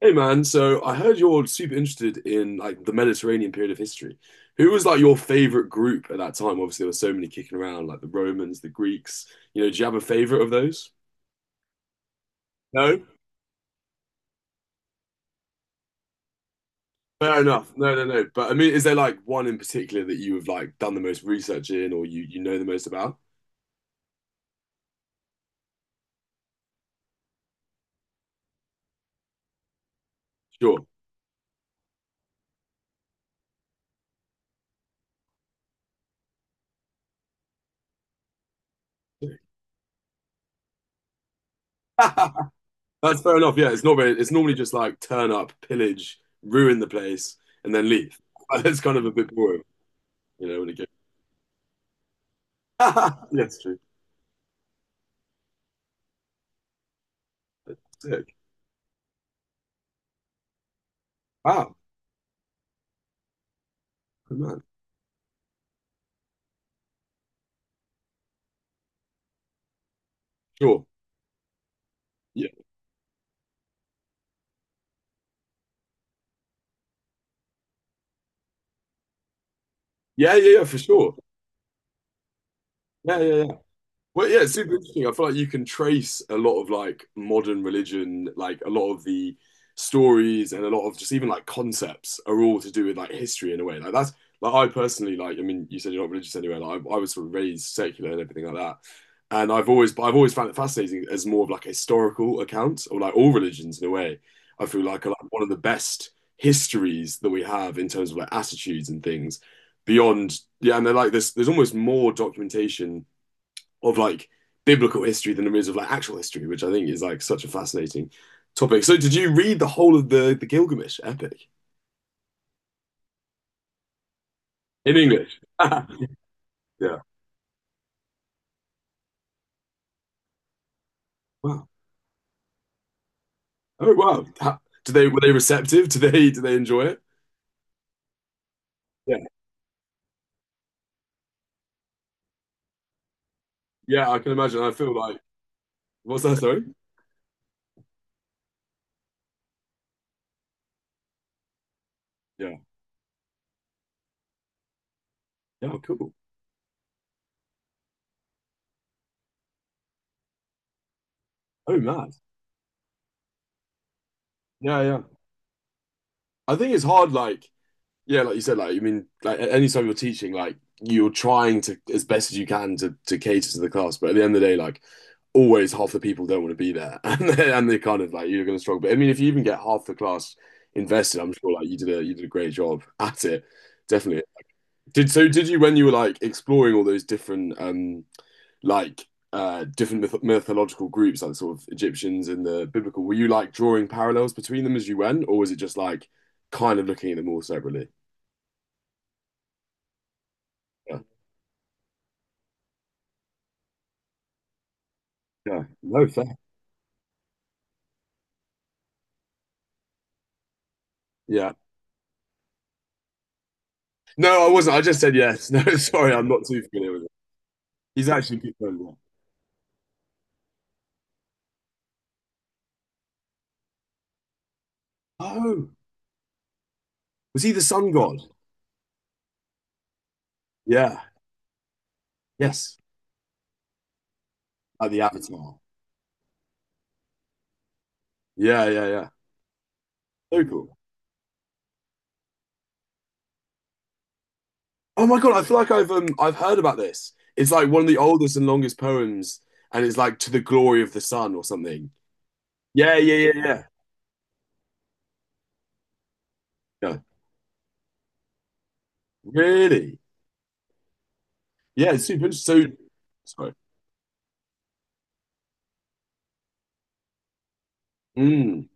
Hey man, so I heard you're super interested in like the Mediterranean period of history. Who was like your favorite group at that time? Obviously, there were so many kicking around, like the Romans, the Greeks. You know, do you have a favorite of those? No? Fair enough. No, no, no. But I mean, is there like one in particular that you have like done the most research in or you know the most about? Sure. That's fair enough. Yeah, it's not very, it's normally just like turn up, pillage, ruin the place, and then leave. That's kind of a bit boring, you know, when it goes. Yes, true. Sick. Wow. Good man. Sure. Yeah. Yeah. Yeah. Yeah, for sure. Yeah. Yeah. Yeah. Well, yeah, it's super interesting. I feel like you can trace a lot of like modern religion, like a lot of the stories and a lot of just even like concepts are all to do with like history in a way. Like that's like I personally like. I mean, you said you're not religious anyway. Like I was sort of raised secular and everything like that, and I've always but I've always found it fascinating as more of like a historical account or like all religions in a way. I feel like are like one of the best histories that we have in terms of like attitudes and things beyond. Yeah, and they're like this. There's almost more documentation of like biblical history than there is of like actual history, which I think is like such a fascinating topic. So did you read the whole of the Gilgamesh epic in English? Yeah. Wow. Oh wow. How, do they were they receptive? Do they enjoy it? Yeah. Yeah, I can imagine. I feel like what's that, sorry? Yeah. Yeah, cool. Oh mad. Yeah, yeah. I think it's hard like yeah, like you said, like I mean, like at any time you're teaching, like you're trying to as best as you can to cater to the class, but at the end of the day, like always half the people don't want to be there, and they kind of like you're going to struggle. But I mean, if you even get half the class invested, I'm sure like you did a great job at it, definitely. Did so? Did you when you were like exploring all those different like different mythological groups, like sort of Egyptians and the biblical, were you like drawing parallels between them as you went, or was it just like kind of looking at them all separately? Yeah. No, fair. Yeah. No, I wasn't. I just said yes. No, sorry, I'm not too familiar with it. He's actually a good friend. Yeah. Oh, was he the sun god? Yeah. Yes. Like the Avatar. Yeah, yeah, yeah. So cool. Oh my God, I feel like I've heard about this. It's like one of the oldest and longest poems, and it's like to the glory of the sun or something. Yeah, yeah, yeah, yeah. Yeah. Really? Yeah, it's super interesting. So, sorry. Mm.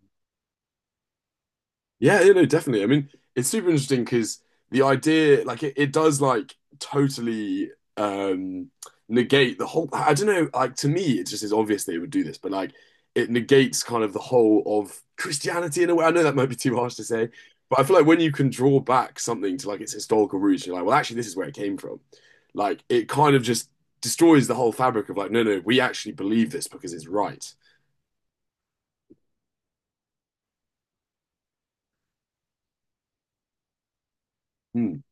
Yeah, you know, definitely. I mean, it's super interesting because the idea, like, it does like totally um negate the whole. I don't know. Like to me, it just is obvious that it would do this, but like, it negates kind of the whole of Christianity in a way. I know that might be too harsh to say, but I feel like when you can draw back something to like its historical roots, you're like, well, actually, this is where it came from. Like, it kind of just destroys the whole fabric of like, no, no, we actually believe this because it's right. Hmm,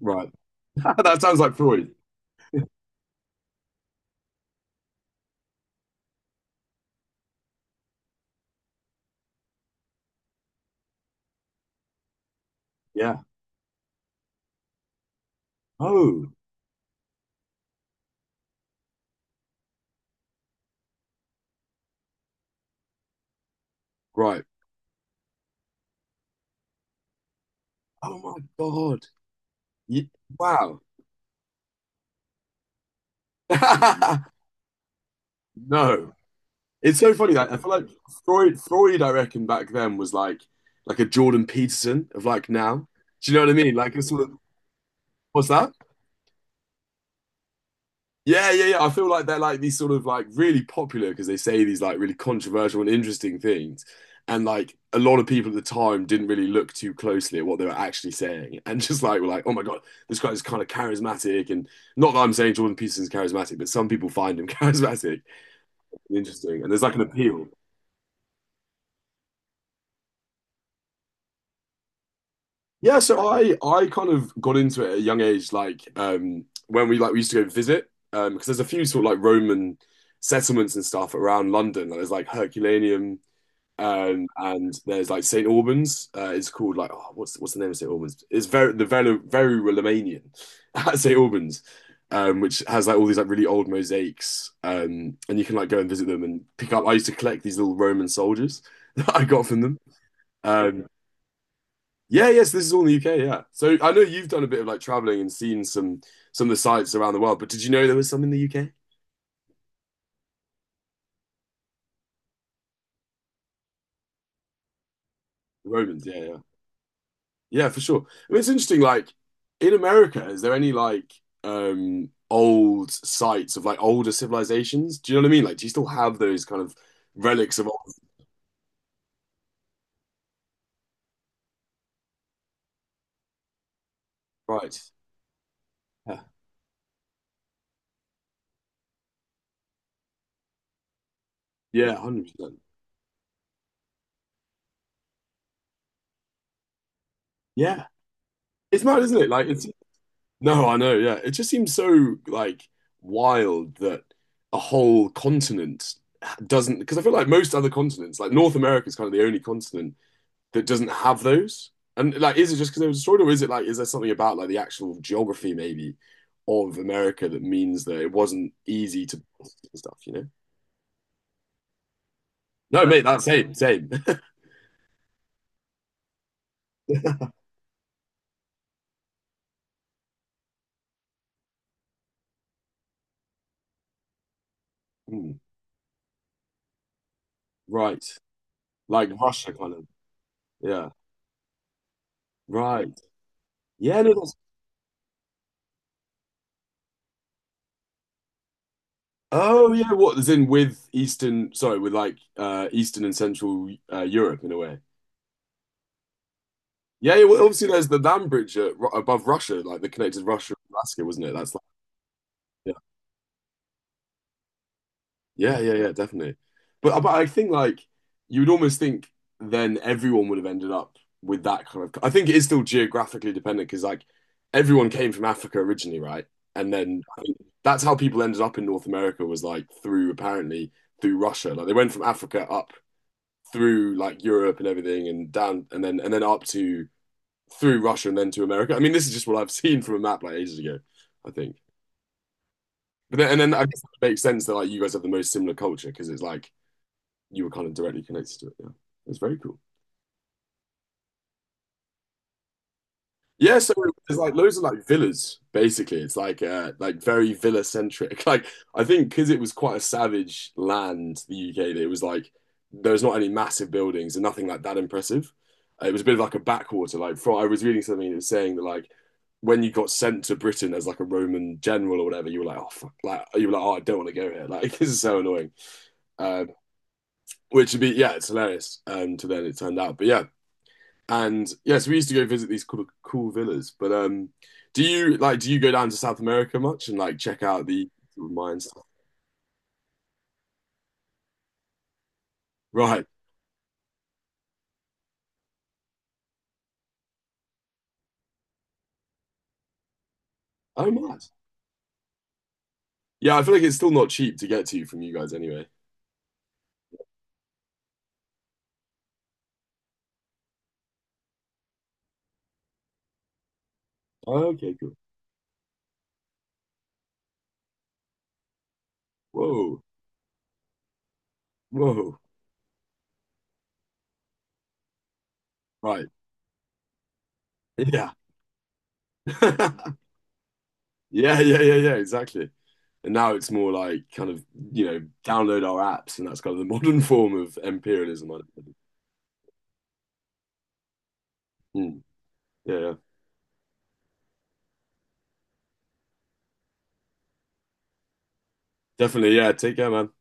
right. That sounds like Freud. Yeah. Oh, right. Oh my God. Ye- wow. No. It's so funny that I feel like Freud, I reckon back then was like a Jordan Peterson of like now. Do you know what I mean? Like a sort of what's that? Yeah, yeah, yeah. I feel like they're like these sort of like really popular because they say these like really controversial and interesting things. And like a lot of people at the time didn't really look too closely at what they were actually saying and just like were like, oh my God, this guy is kind of charismatic. And not that I'm saying Jordan Peterson's charismatic, but some people find him charismatic and interesting. And there's like an appeal. Yeah, so I kind of got into it at a young age, like when we like we used to go visit, because there's a few sort of like Roman settlements and stuff around London. Like there's like Herculaneum. And there's like St. Albans. It's called like oh, what's the name of St. Albans? It's very the very Romanian at St. Albans, which has like all these like really old mosaics. And you can like go and visit them and pick up. I used to collect these little Roman soldiers that I got from them. Um, yeah, yes, this is all in the UK. Yeah, so I know you've done a bit of like traveling and seen some of the sites around the world. But did you know there was some in the UK? Romans, yeah, yeah. Yeah, for sure. I mean, it's interesting, like in America, is there any like old sites of like older civilizations? Do you know what I mean? Like, do you still have those kind of relics of old sites? Yeah. Yeah, 100%. Yeah. It's mad, isn't it? Like it's no, I know, yeah. It just seems so like wild that a whole continent doesn't because I feel like most other continents, like North America is kind of the only continent that doesn't have those? And like, is it just because it was destroyed, or is it like, is there something about like the actual geography maybe of America that means that it wasn't easy to stuff? You know? No, mate, that's same, same. Hmm, right, like Russia, kind of. Yeah, right. Yeah, no, that's. Oh yeah, what is in with Eastern? Sorry, with like Eastern and Central Europe in a way. Yeah, yeah. Well, obviously there's the land bridge at, above Russia, like that connected Russia and Alaska, wasn't it? That's like, yeah. Yeah, yeah, yeah, definitely. But I think like you would almost think then everyone would have ended up with that kind of. I think it is still geographically dependent because like everyone came from Africa originally, right? And then I think that's how people ended up in North America was like through apparently through Russia. Like they went from Africa up through like Europe and everything and down and then up to through Russia and then to America. I mean, this is just what I've seen from a map like ages ago, I think. But then and then I guess it makes sense that like you guys have the most similar culture because it's like you were kind of directly connected to it. Yeah, it's very cool. Yeah, so there's like loads of like villas. Basically, it's like very villa centric. Like I think because it was quite a savage land, the UK. That it was like there's not any massive buildings and nothing like that impressive. It was a bit of like a backwater. Like from, I was reading something that was saying that like when you got sent to Britain as like a Roman general or whatever, you were like, oh fuck, like you were like, oh, I don't want to go here. Like this is so annoying. Um, which would be yeah, it's hilarious. To then it turned out, but yeah, and yeah, so we used to go visit these cool, cool villas. But do you like do you go down to South America much and like check out the sort of mine stuff? Right. Oh, mad. Yeah, I feel like it's still not cheap to get to from you guys anyway. Okay, cool. Whoa, whoa. Right. Yeah. Yeah, yeah, yeah, yeah, exactly. And now it's more like kind of, you know, download our apps, and that's kind of the modern form of imperialism. I- Mm, yeah, yeah. Definitely. Yeah. Take care, man.